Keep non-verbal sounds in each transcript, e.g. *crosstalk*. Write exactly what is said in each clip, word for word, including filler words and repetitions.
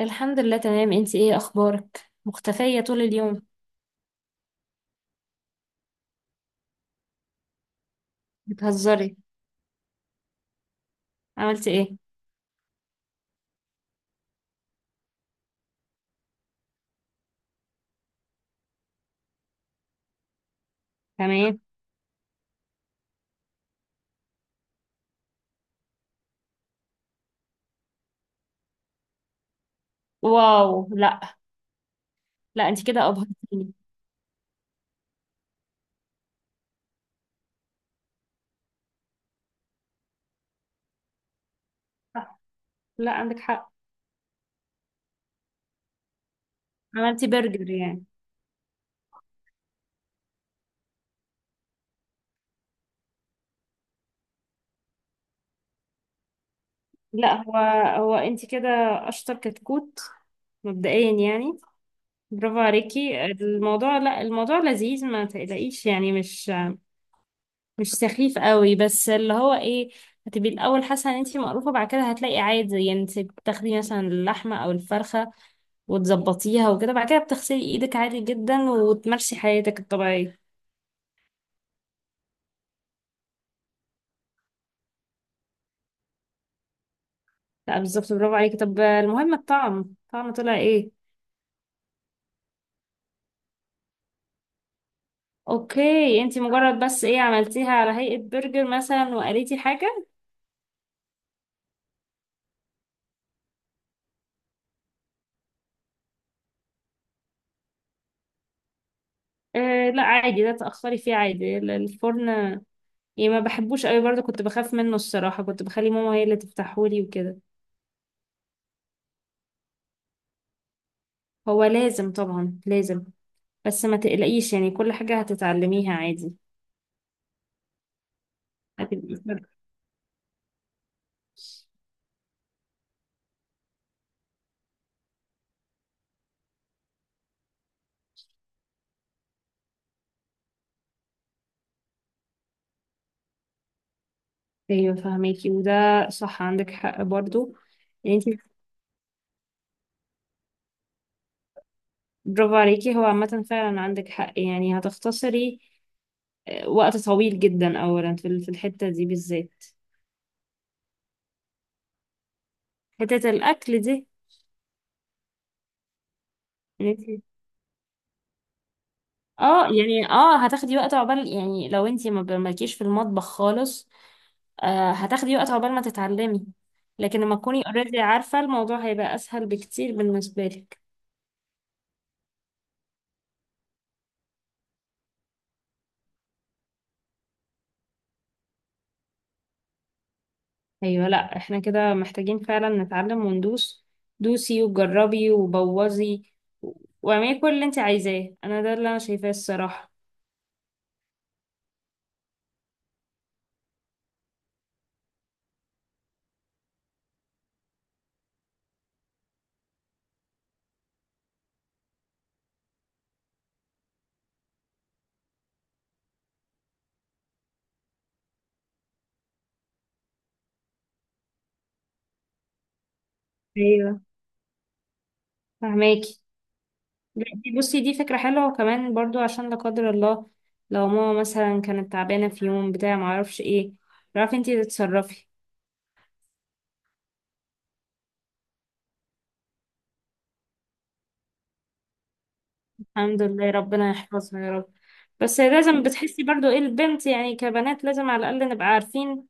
الحمد لله، تمام. انت ايه اخبارك؟ مختفية طول اليوم. بتهزري؟ عملتي ايه؟ تمام. واو، لا. لا، انت كده ابهرتيني. صح. لا، عندك حق. عملتي برجر يعني؟ لا، هو هو انت كده اشطر كتكوت مبدئيا يعني. برافو عليكي. الموضوع لا، الموضوع لذيذ، ما تقلقيش يعني، مش مش سخيف قوي، بس اللي هو ايه. هتبقي الاول حاسه ان انت مقروفه، بعد كده هتلاقي عادي، يعني انت بتاخدي مثلا اللحمه او الفرخه وتظبطيها وكده، بعد كده بتغسلي ايدك عادي جدا وتمارسي حياتك الطبيعية. لا، بالظبط. برافو عليكي. طب المهم، الطعم الطعم طلع ايه؟ اوكي، انتي مجرد بس ايه، عملتيها على هيئة برجر مثلا وقريتي حاجة؟ آه لا عادي، ده تأخري فيه عادي، ال- الفرن يعني ما بحبوش قوي برضه، كنت بخاف منه الصراحة، كنت بخلي ماما هي اللي تفتحهولي وكده. هو لازم، طبعا لازم، بس ما تقلقيش، يعني كل حاجة هتتعلميها عادي. هتبقي فرق. ايوه فهميكي، وده صح، عندك حق برضو، يعني انت. برافو عليكي. هو عامة فعلا عندك حق، يعني هتختصري آه، وقت طويل جدا، اولا في ال- في الحتة دي بالذات، حتة الاكل دي. ان انت اه يعني اه هتاخدي وقت عقبال، يعني لو انت ما ب- مالكيش في المطبخ خالص، آه هتاخدي وقت عقبال ما تتعلمي، لكن لما تكوني اوريدي عارفة الموضوع، هيبقى اسهل بكتير بالنسبة لك. ايوه لا، احنا كده محتاجين فعلا نتعلم وندوس، دوسي وجربي وبوظي و- واعملي كل اللي انت عايزاه، انا ده اللي انا شايفاه الصراحه. ايوه فهماكي. لا، دي- بصي دي فكره حلوه، وكمان برضو عشان لا قدر الله لو ماما مثلا كانت تعبانه في يوم بتاع ما اعرفش ايه، تعرفي انت تتصرفي. الحمد لله، ربنا يحفظها يا رب. بس لازم بتحسي برضو ايه، البنت يعني، كبنات لازم على الاقل نبقى عارفين،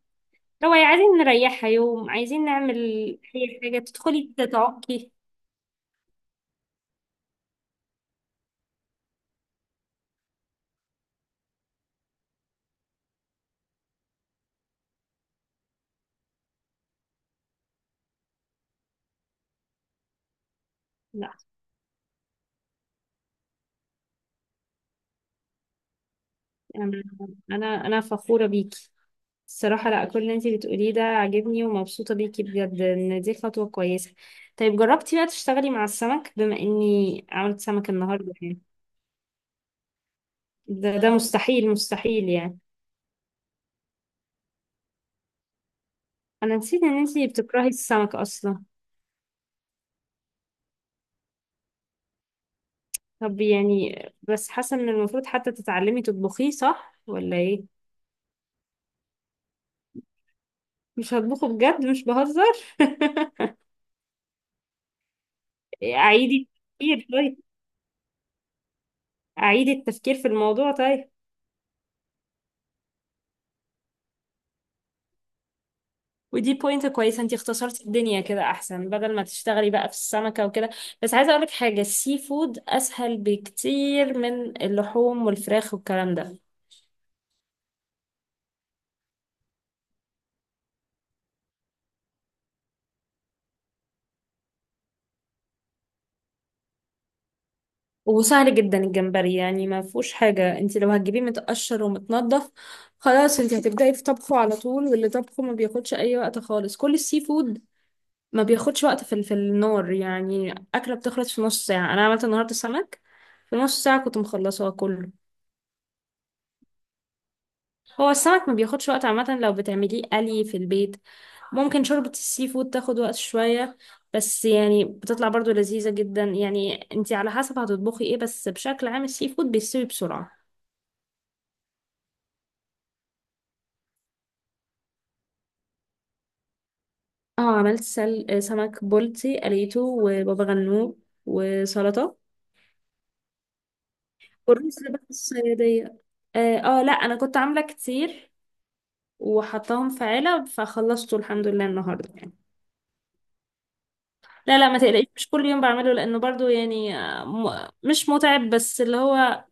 لو عايزين نريحها يوم، عايزين نعمل أي حاجة تدخلي تتعقي. لا، أنا أنا أنا فخورة بيكي الصراحة. لا، كل اللي انتي بتقوليه ده عاجبني، ومبسوطة بيكي بجد إن دي خطوة كويسة. طيب، جربتي بقى تشتغلي مع السمك، بما إني عملت سمك النهاردة يعني؟ ده ده مستحيل، مستحيل يعني. أنا نسيت إن انتي بتكرهي السمك أصلا. طب يعني، بس حاسة إن المفروض حتى تتعلمي تطبخيه، صح ولا إيه؟ مش هطبخه بجد، مش بهزر. *laughs* اعيدي التفكير طيب. اعيدي التفكير في الموضوع طيب. ودي بوينت كويسه، انتي اختصرتي الدنيا كده، احسن بدل ما تشتغلي بقى في السمكه وكده. بس عايزه اقولك حاجه، السي فود اسهل بكتير من اللحوم والفراخ والكلام ده. وسهل جدا الجمبري، يعني ما فيهوش حاجه، انتي لو هتجيبيه متقشر ومتنضف، خلاص انتي هتبداي في طبخه على طول، واللي طبخه ما بياخدش اي وقت خالص. كل السي فود ما بياخدش وقت في في النار، يعني أكلة بتخلص في نص ساعة. أنا عملت النهاردة سمك في نص ساعة كنت مخلصاه كله. هو السمك ما بياخدش وقت عامة لو بتعمليه قلي في البيت. ممكن شوربة السي فود تاخد وقت شوية، بس يعني بتطلع برضو لذيذة جدا، يعني انتي على حسب هتطبخي ايه، بس بشكل عام السي فود بيستوي بسرعة. اه عملت سل... سمك بولتي قليته، وبابا غنوج وسلطة، والرز بقى الصيادية. اه، آه، لا انا كنت عاملة كتير وحطاهم في علب، فخلصته الحمد لله النهارده يعني. لا لا، ما تقلقيش، مش كل يوم بعمله، لانه برضو يعني آه، م... مش متعب، بس اللي هو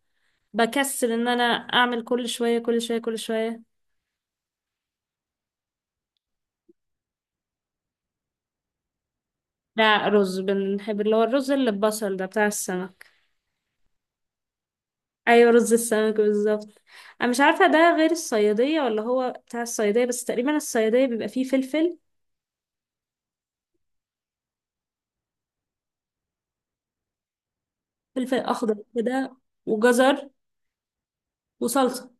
بكسل ان انا اعمل كل شويه كل شويه كل شويه. لا، رز بنحب، اللي هو الرز اللي ببصل ده بتاع السمك. ايوه رز السمك بالظبط. انا مش عارفه ده غير الصياديه ولا هو بتاع الصياديه، بس تقريبا الصياديه بيبقى فيه فلفل، فلفل اخضر كده وجزر وصلصه.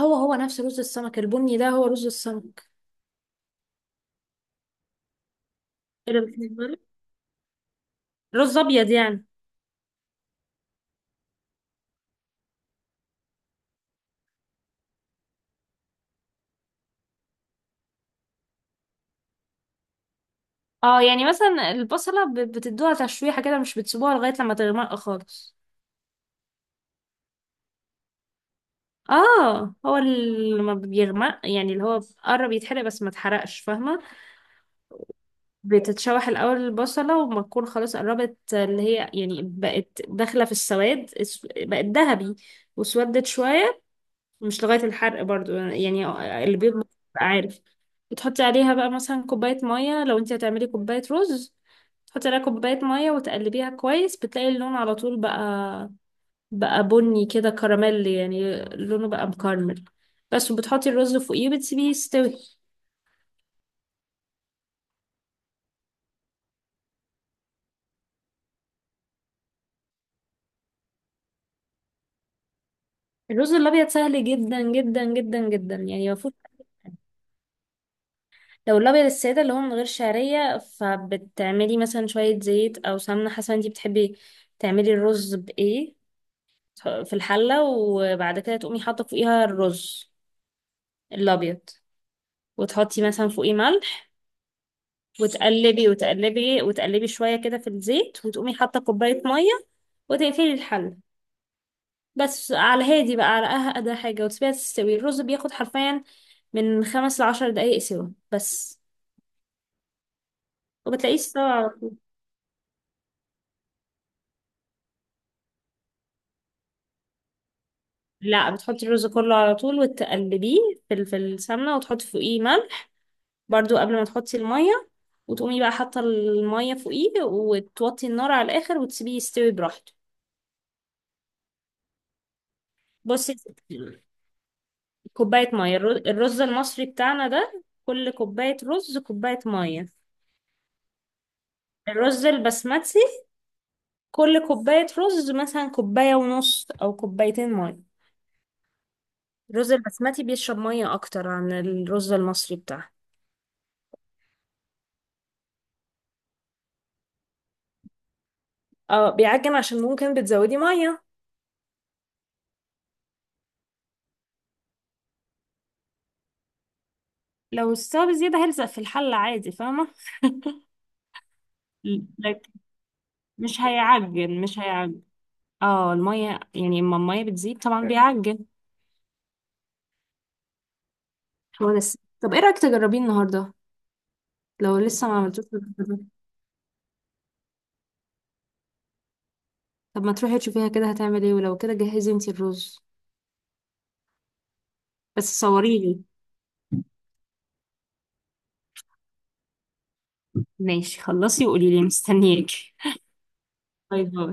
هو هو نفس رز السمك، البني ده هو رز السمك. ايه ده، رز ابيض يعني؟ اه يعني مثلا البصلة ب- بتدوها تشويحة كده، مش بتسيبوها لغاية لما تغمق خالص. اه، هو اللي لما بيغمق، يعني اللي هو قرب يتحرق بس ما اتحرقش، فاهمة؟ بتتشوح الأول البصلة، وما تكون خلاص قربت، اللي هي يعني بقت داخلة في السواد، اس- بقت ذهبي، واسودت شوية، مش لغاية الحرق برضو يعني. اللي بيض بيبقى عارف، بتحطي عليها بقى مثلا كوباية مية لو انت هتعملي كوباية رز، تحطي عليها كوباية مية وتقلبيها كويس، بتلاقي اللون على طول بقى، بقى بني كده كراميل، يعني لونه بقى مكرمل بس، وبتحطي الرز فوقيه وبتسيبيه يستوي. الرز الأبيض سهل جدا جدا جدا جدا، يعني مفهوش. لو الأبيض السادة اللي هو من غير شعرية، فبتعملي مثلا شوية زيت أو سمنة، حسب انتي بتحبي تعملي الرز بإيه، في الحلة، وبعد كده تقومي حاطة فوقيها الرز الأبيض، وتحطي مثلا فوقيه ملح، وتقلبي وتقلبي وتقلبي شوية كده في الزيت، وتقومي حاطة كوباية مية وتقفلي الحلة، بس على هادي بقى، على أهدى حاجة، وتسيبيها تستوي. الرز بياخد حرفيا من خمس لعشر دقايق سوا بس، وبتلاقيه استوى على طول. لا، بتحطي الرز كله على طول وتقلبيه في ال- في السمنة، وتحطي فوقيه ملح برضو قبل ما تحطي المية، وتقومي بقى حاطة المية فوقيه، وتوطي النار على الآخر وتسيبيه يستوي براحته. بصي يا ستي، كوباية مية، الر- الرز المصري بتاعنا ده كل كوباية رز كوباية مية. الرز البسمتي كل كوباية رز مثلا كوباية ونص أو كوبايتين مية. الرز البسمتي بيشرب مية أكتر عن الرز المصري بتاعه. اه بيعجن، عشان ممكن بتزودي مية. لو استوى بزيادة هيلزق في الحلة عادي، فاهمة؟ لكن مش هيعجن، مش هيعجن. اه المية، يعني اما المية بتزيد طبعا بيعجن. هو لسه، طب ايه رأيك تجربيه النهارده لو لسه ما عملتوش النهاردة؟ طب ما تروحي تشوفيها كده هتعمل ايه، ولو كده جهزي انتي الرز، بس صوريلي. ماشي، خلصي وقولي لي، مستنياكي. باي باي.